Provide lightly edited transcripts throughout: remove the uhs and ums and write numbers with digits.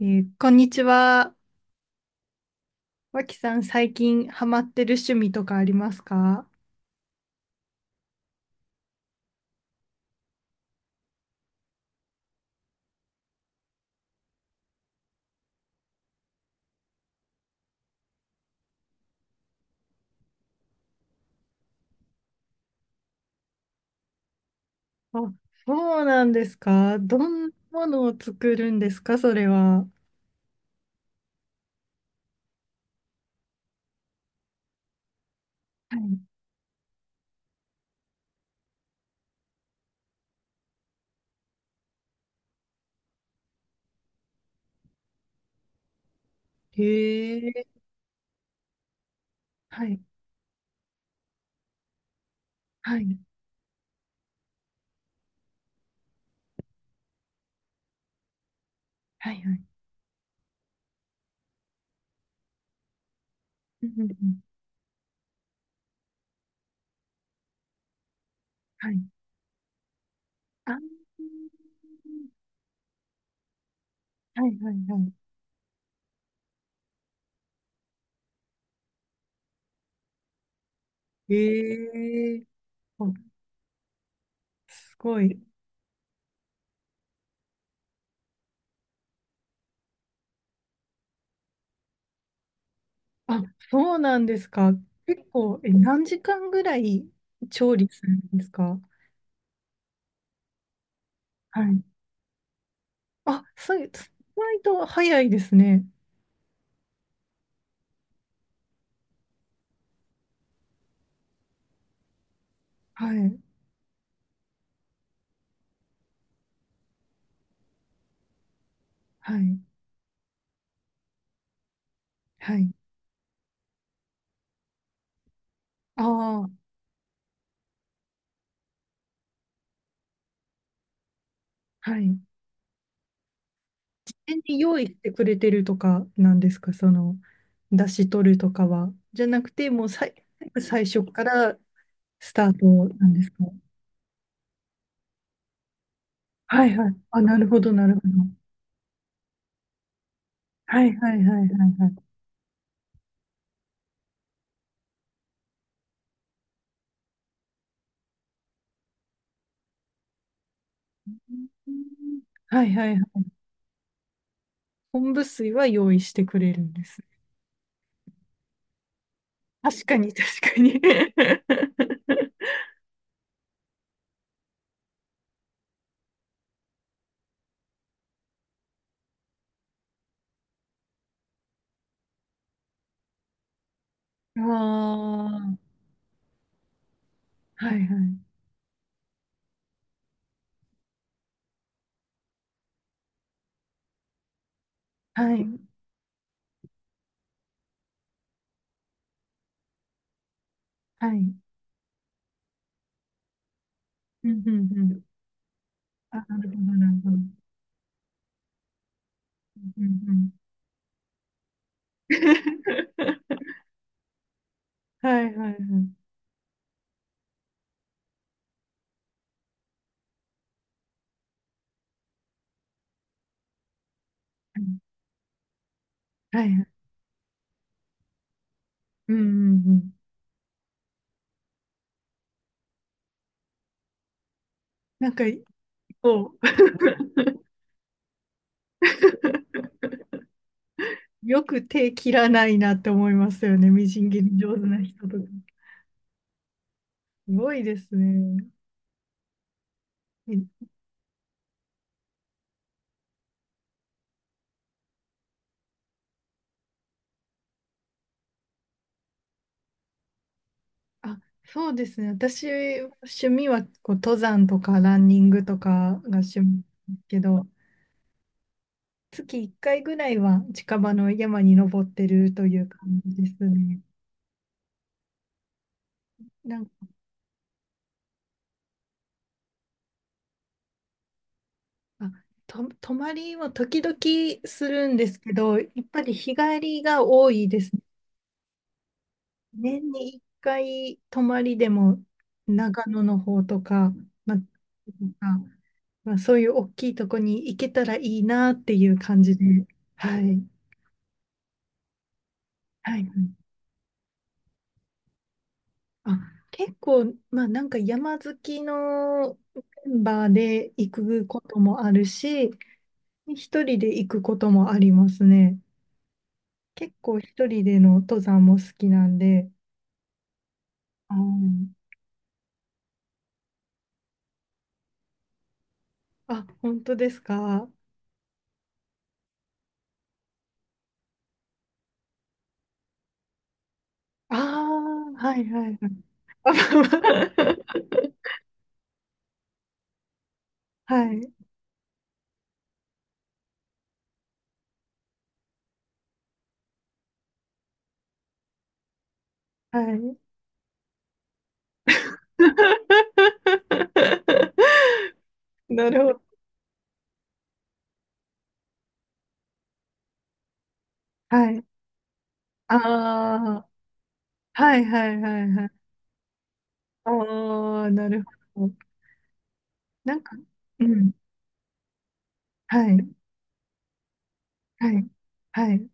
こんにちは。脇さん、最近ハマってる趣味とかありますか？あ、そうなんですか。どんなものを作るんですか、それは。はい。へえ。はい。はい。はい。はい。うんうんうん、はい。あー、はい。はい。はい。へえ。お、すごい。あ、そうなんですか。結構、何時間ぐらい調理するんですか？はい。あ、そう、意外と早いですね。はい、はい、はい。ああ、はい。事前に用意してくれてるとかなんですか、その、出し取るとかは。じゃなくて、もう最初からスタートなんですか？はいはい。あ、なるほど、なるほど。はいはいはいはいはい。うん、はいはいはい。昆布水は用意してくれるんです。確かに、確かに。ああ、はいはい。はい、はい。うん、うん、うん。あ、なるほど、なるほど。うん、うん、はいはいはい。はいはい。うんうんうん。なんか、こう、よく手切らないなって思いますよね。みじん切り上手な人とか。すごいですね。えあ、そうですね。私、趣味はこう登山とかランニングとかが趣味ですけど、月1回ぐらいは近場の山に登ってるという感じですね。なんあと、泊まりも時々するんですけど、やっぱり日帰りが多いですね。年に1回泊まりでも長野の方とか、まあ、とか、まあ、そういう大きいとこに行けたらいいなっていう感じで。はい。はい。あ、結構、まあなんか山好きのメンバーで行くこともあるし、一人で行くこともありますね。結構一人での登山も好きなんで、うん。あ、本当ですか？ああ、はいはい。あ、はい、はい、なるほど。はい。ああ、はいはいはいはい。ああ、なるほど。なんか、うん、はい、はい、はい、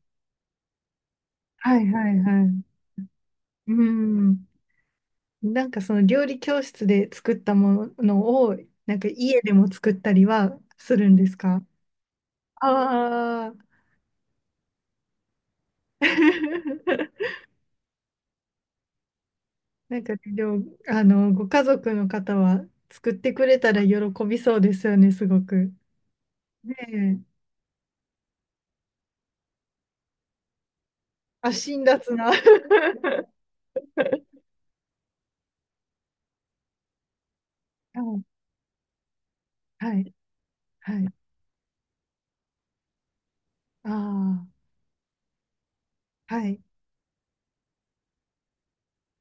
はい、はい、はい。うん。なんかその料理教室で作ったものを、なんか家でも作ったりはするんですか？ああー。なんかでも、ご家族の方は作ってくれたら喜びそうですよね、すごく。ねえ。あ、辛辣な。はい、はい、はい。ああ、はい。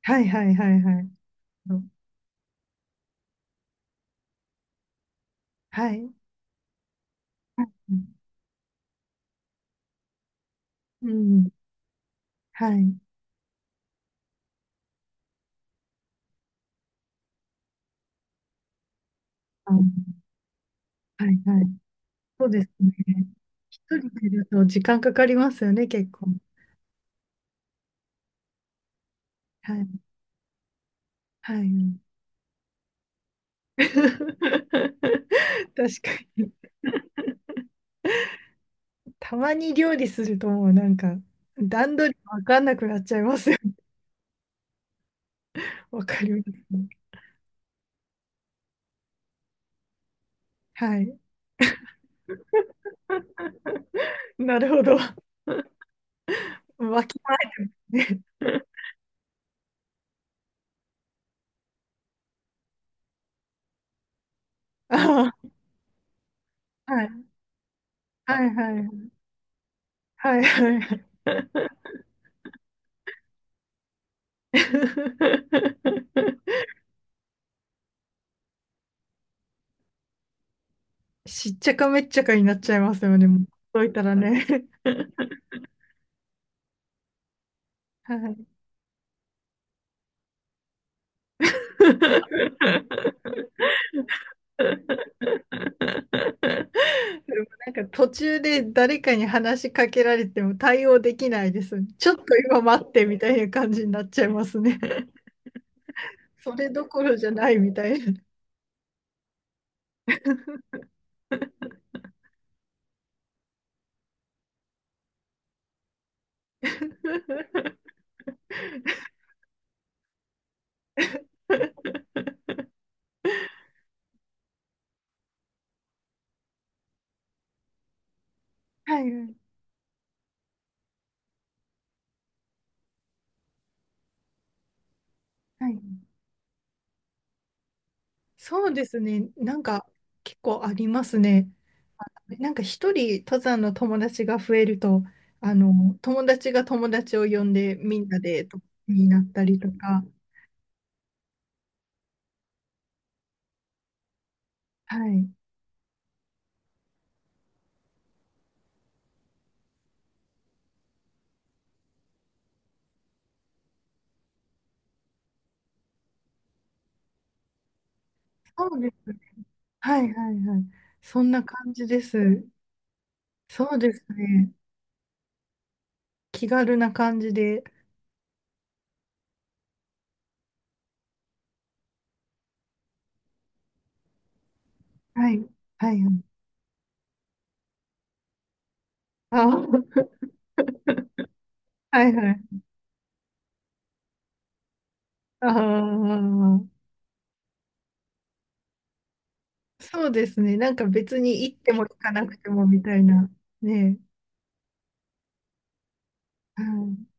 はい、はい、はい、はい。はい。うん、うん、はい。あ、はい、はい。そうですね。一人でいると時間かかりますよね、結構。はい。はい。確かに。たまに料理するともうなんか段取りわかんなくなっちゃいますよね。わかりますね。はい。なるほど。わきまえね。ああ、はい。はいはいはい。はいはいはい。しっちゃかめっちゃかになっちゃいますよね。もうほっといたらね。はい。でもなんか途中で誰かに話しかけられても対応できないです。ちょっと今待ってみたいな感じになっちゃいますね。それどころじゃないみたいな。はいはいはい。そうですね。なんか結構ありますね。なんか一人登山の友達が増えると、友達が友達を呼んでみんなでとになったりとか。はい。そうです。はいはいはい。そんな感じです。そうですね。気軽な感じで。はい。はいはい。あー はいはい。ああ、そうですね。なんか別に行っても行かなくてもみたいな。ねえ。うん、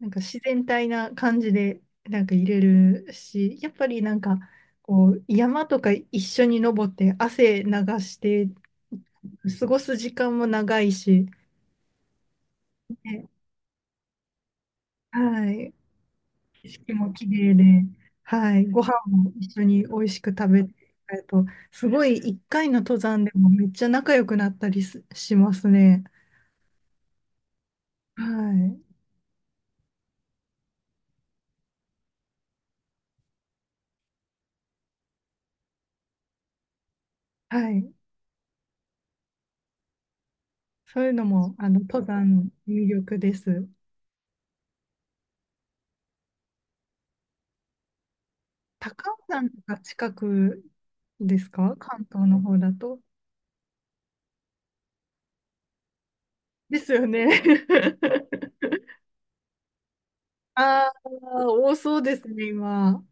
なんか自然体な感じで、なんか入れるし、やっぱりなんか、こう、山とか一緒に登って汗流して、過ごす時間も長いし。ね、はい。景色も綺麗で、はい、ご飯も一緒に美味しく食べて、えっと、すごい一回の登山でもめっちゃ仲良くなったりすしますね。はい、はい、そういうのもあの登山の魅力です。高尾山とか近くですか、関東の方だと？ですよね。ああ、多そうですね、今。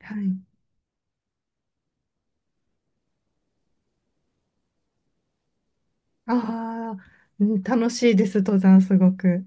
はい。ああ、うん、楽しいです、登山すごく。